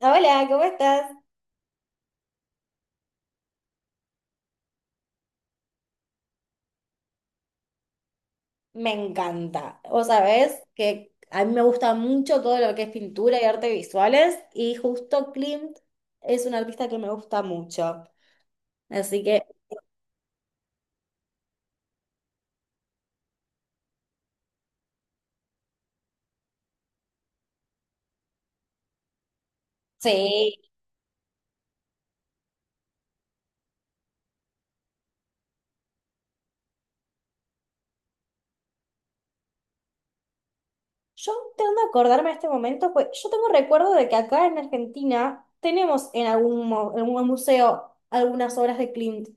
Hola, ¿cómo estás? Me encanta. Vos sabés que a mí me gusta mucho todo lo que es pintura y arte visuales y justo Klimt es un artista que me gusta mucho. Así que sí. Yo tengo que acordarme de este momento, pues yo tengo recuerdo de que acá en Argentina tenemos en algún museo algunas obras de Klimt.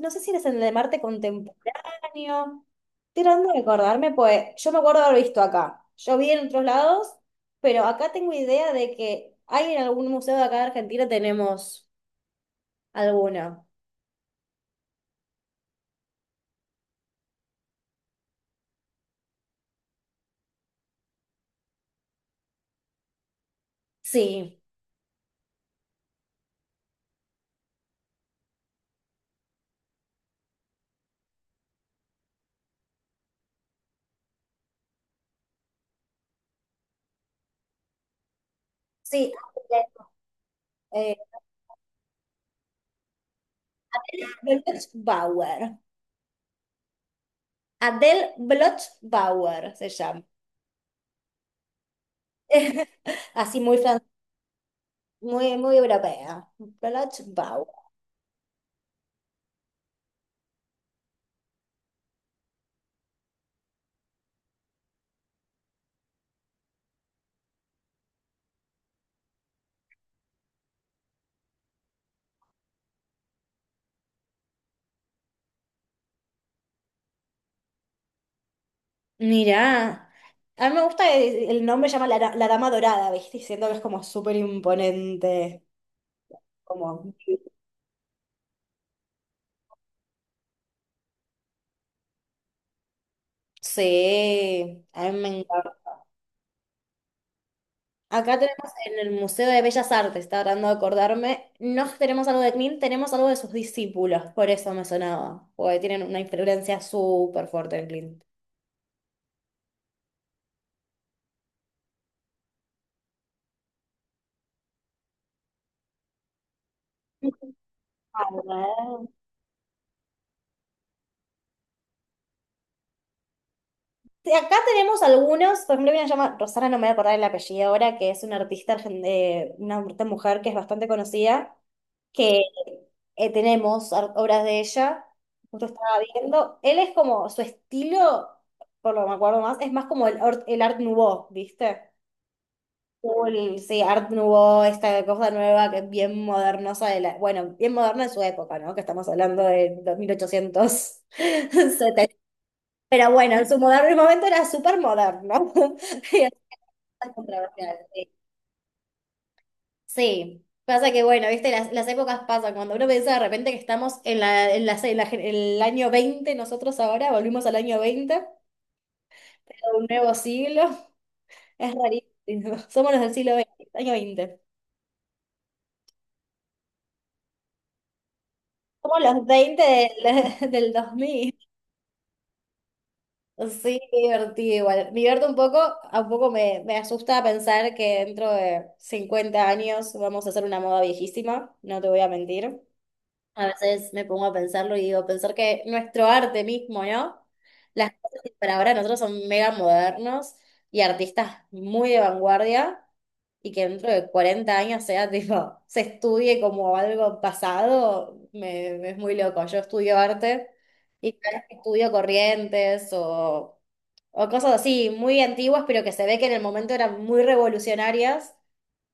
No sé si eres en el de Marte Contemporáneo. Tirando de acordarme, pues yo me acuerdo de haber visto acá. Yo vi en otros lados, pero acá tengo idea de que hay en algún museo de acá de Argentina tenemos alguna. Sí, sí. Eh, Bloch-Bauer. Adele Bloch-Bauer se llama. Así muy francés, muy, muy europea. Ballad Bow. Mirá, a mí me gusta, el nombre llama la Dama Dorada, ¿viste? Y siento que es como súper imponente, como, sí, a mí me encanta. Acá tenemos en el Museo de Bellas Artes, estaba tratando de acordarme, no tenemos algo de Klim, tenemos algo de sus discípulos, por eso me sonaba, porque tienen una influencia súper fuerte en Clint. Acá tenemos algunos, por ejemplo, hay a llamar Rosana, no me voy a acordar el apellido ahora, que es una artista, una artista mujer que es bastante conocida, que tenemos obras de ella, justo estaba viendo. Él es como, su estilo, por lo que me acuerdo más, es más como el Art Nouveau, ¿viste? Como sí, Art Nouveau, esta cosa nueva que es bien modernosa de la, bueno, bien moderna de su época, ¿no? Que estamos hablando de 2870. Pero bueno, en su moderno momento era súper moderno. Y era súper controversial. Sí. Pasa que, bueno, viste, las épocas pasan. Cuando uno piensa de repente que estamos el año veinte, nosotros ahora volvimos al año veinte, un nuevo siglo. Es rarísimo. Somos los del siglo veinte, año veinte. Somos los 20 del, del dos mil. Sí, qué divertido igual. Me divierto un poco, a un poco me asusta pensar que dentro de 50 años vamos a hacer una moda viejísima, no te voy a mentir. A veces me pongo a pensarlo y digo, pensar que nuestro arte mismo, ¿no? Las cosas que para ahora nosotros son mega modernos y artistas muy de vanguardia y que dentro de 40 años sea tipo, se estudie como algo pasado, me es muy loco. Yo estudio arte y cada vez que estudio corrientes o cosas así muy antiguas, pero que se ve que en el momento eran muy revolucionarias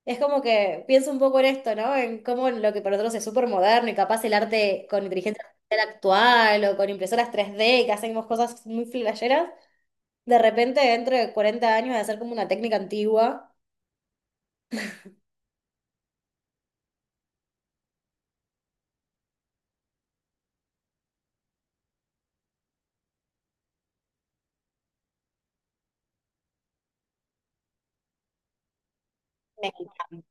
es como que pienso un poco en esto, ¿no? En cómo lo que para nosotros es súper moderno y capaz el arte con inteligencia artificial actual o con impresoras 3D, que hacemos cosas muy flasheras, de repente dentro de 40 años va a ser como una técnica antigua. Me encanta.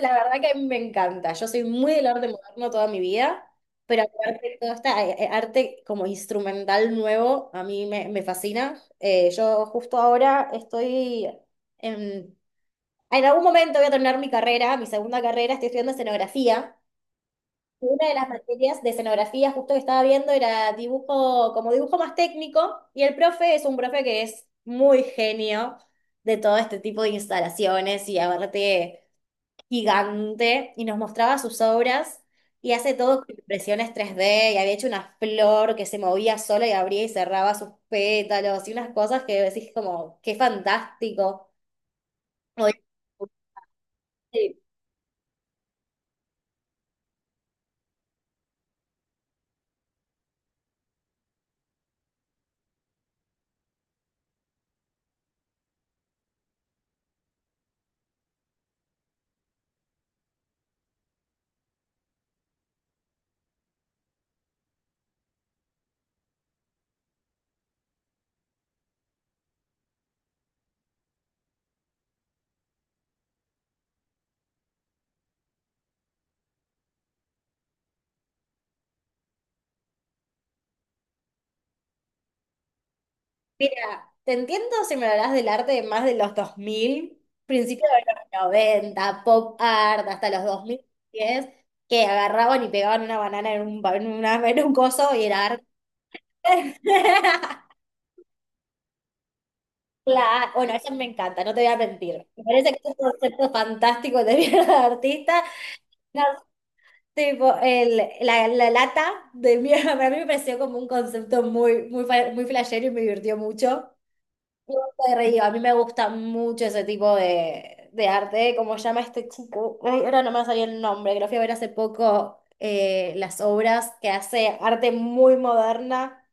La verdad que a mí me encanta. Yo soy muy del arte moderno toda mi vida, pero aparte todo este arte como instrumental nuevo a mí me fascina. Yo justo ahora em, en algún momento voy a terminar mi carrera, mi segunda carrera, estoy estudiando escenografía. Y una de las materias de escenografía justo que estaba viendo era dibujo, como dibujo más técnico, y el profe es un profe que es muy genio de todo este tipo de instalaciones y aparte gigante, y nos mostraba sus obras y hace todo con impresiones 3D y había hecho una flor que se movía sola y abría y cerraba sus pétalos y unas cosas que decís como, qué fantástico. Mira, te entiendo si me hablas del arte de más de los 2000, principios de los 90, pop art, hasta los 2010, que agarraban y pegaban una banana en un, en una- en un coso y era arte. Claro, bueno, eso me encanta, no te voy a mentir. Me parece que es un concepto fantástico de mierda de artista. No, tipo, la lata de mierda, para mí me pareció como un concepto muy, muy, muy flashero y me divirtió mucho. Yo me reí. A mí me gusta mucho ese tipo de arte, como llama este chico. Ay, ahora no me salió el nombre, que lo fui a ver hace poco, las obras que hace arte muy moderna.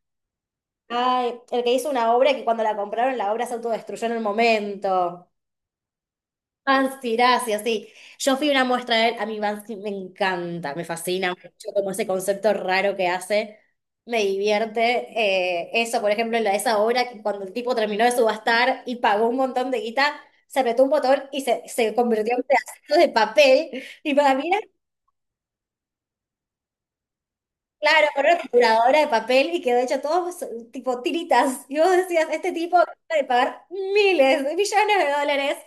Ay, el que hizo una obra que cuando la compraron, la obra se autodestruyó en el momento. Vansiracia, sí. Yo fui una muestra de él, a mí Bansky me encanta, me fascina mucho como ese concepto raro que hace, me divierte. Eso, por ejemplo, en esa obra que cuando el tipo terminó de subastar y pagó un montón de guita, se apretó un botón y se convirtió en pedazos de papel. Y para mí era. Claro, con una trituradora de papel y quedó hecho todo tipo tiritas. Y vos decías, este tipo acaba de pagar miles de millones de dólares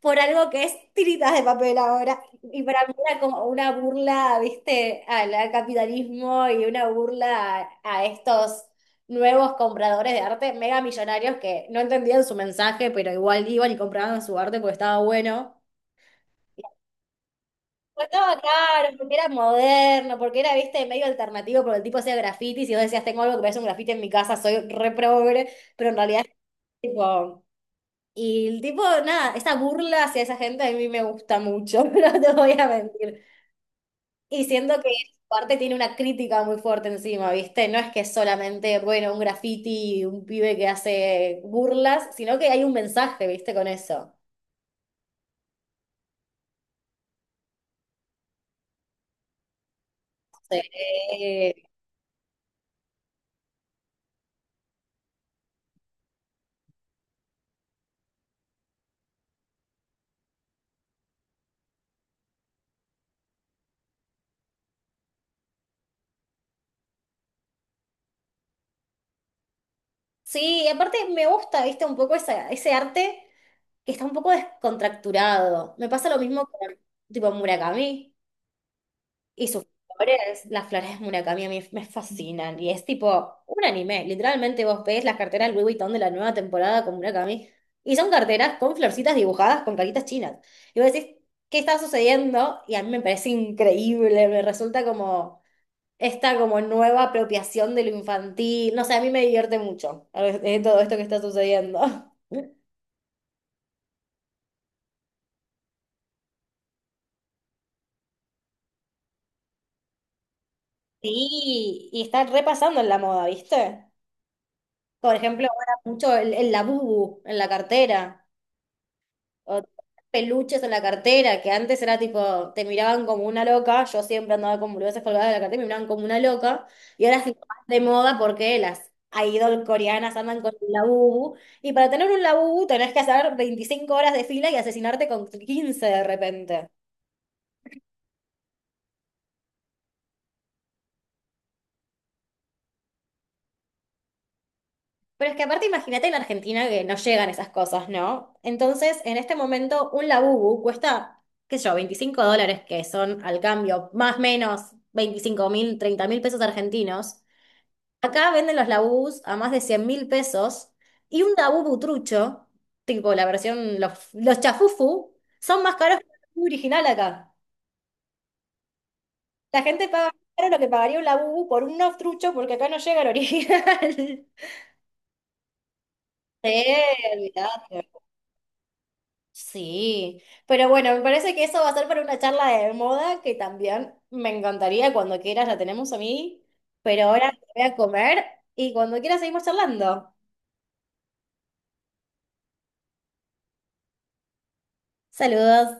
por algo que es tiritas de papel ahora. Y para mí era como una burla, viste, al capitalismo y una burla a estos nuevos compradores de arte, mega millonarios que no entendían su mensaje, pero igual iban y compraban su arte porque estaba bueno. Pues estaba raro, porque era moderno, porque era, viste, medio alternativo, porque el tipo hacía grafitis y vos decías, tengo algo que parece un grafiti en mi casa, soy re progre, pero en realidad, tipo. Y el tipo, nada, esa burla hacia esa gente a mí me gusta mucho, no te voy a mentir. Y siento que parte tiene una crítica muy fuerte encima, ¿viste? No es que es solamente, bueno, un graffiti, un pibe que hace burlas, sino que hay un mensaje, ¿viste? Con eso. Sí. Sí, y aparte me gusta, viste, un poco ese arte que está un poco descontracturado. Me pasa lo mismo con tipo Murakami y sus flores. Las flores de Murakami a mí me fascinan y es tipo un anime. Literalmente vos ves las carteras Louis Vuitton de la nueva temporada con Murakami y son carteras con florcitas dibujadas con caritas chinas. Y vos decís, ¿qué está sucediendo? Y a mí me parece increíble, me resulta como esta como nueva apropiación de lo infantil. No sé, a mí me divierte mucho todo esto que está sucediendo. Sí, y está repasando en la moda, ¿viste? Por ejemplo, ahora mucho el labubu en la cartera. O peluches en la cartera, que antes era tipo, te miraban como una loca, yo siempre andaba con boludeces colgadas de la cartera, me miraban como una loca, y ahora es tipo más de moda porque las idol coreanas andan con un labubu, y para tener un labubu tenés que hacer 25 horas de fila y asesinarte con 15 de repente. Pero es que aparte imagínate en Argentina que no llegan esas cosas, ¿no? Entonces, en este momento, un labubu cuesta, qué sé yo, $25, que son al cambio más o menos 25 mil, 30 mil pesos argentinos. Acá venden los labús a más de 100.000 pesos y un labú butrucho, tipo la versión, los chafufu, son más caros que el labú original acá. La gente paga más caro lo que pagaría un labú por un nofstrucho porque acá no llega el original. Sí, olvidate. Sí, pero bueno, me parece que eso va a ser para una charla de moda que también me encantaría cuando quieras, la tenemos a mí, pero ahora voy a comer y cuando quieras seguimos charlando. Saludos.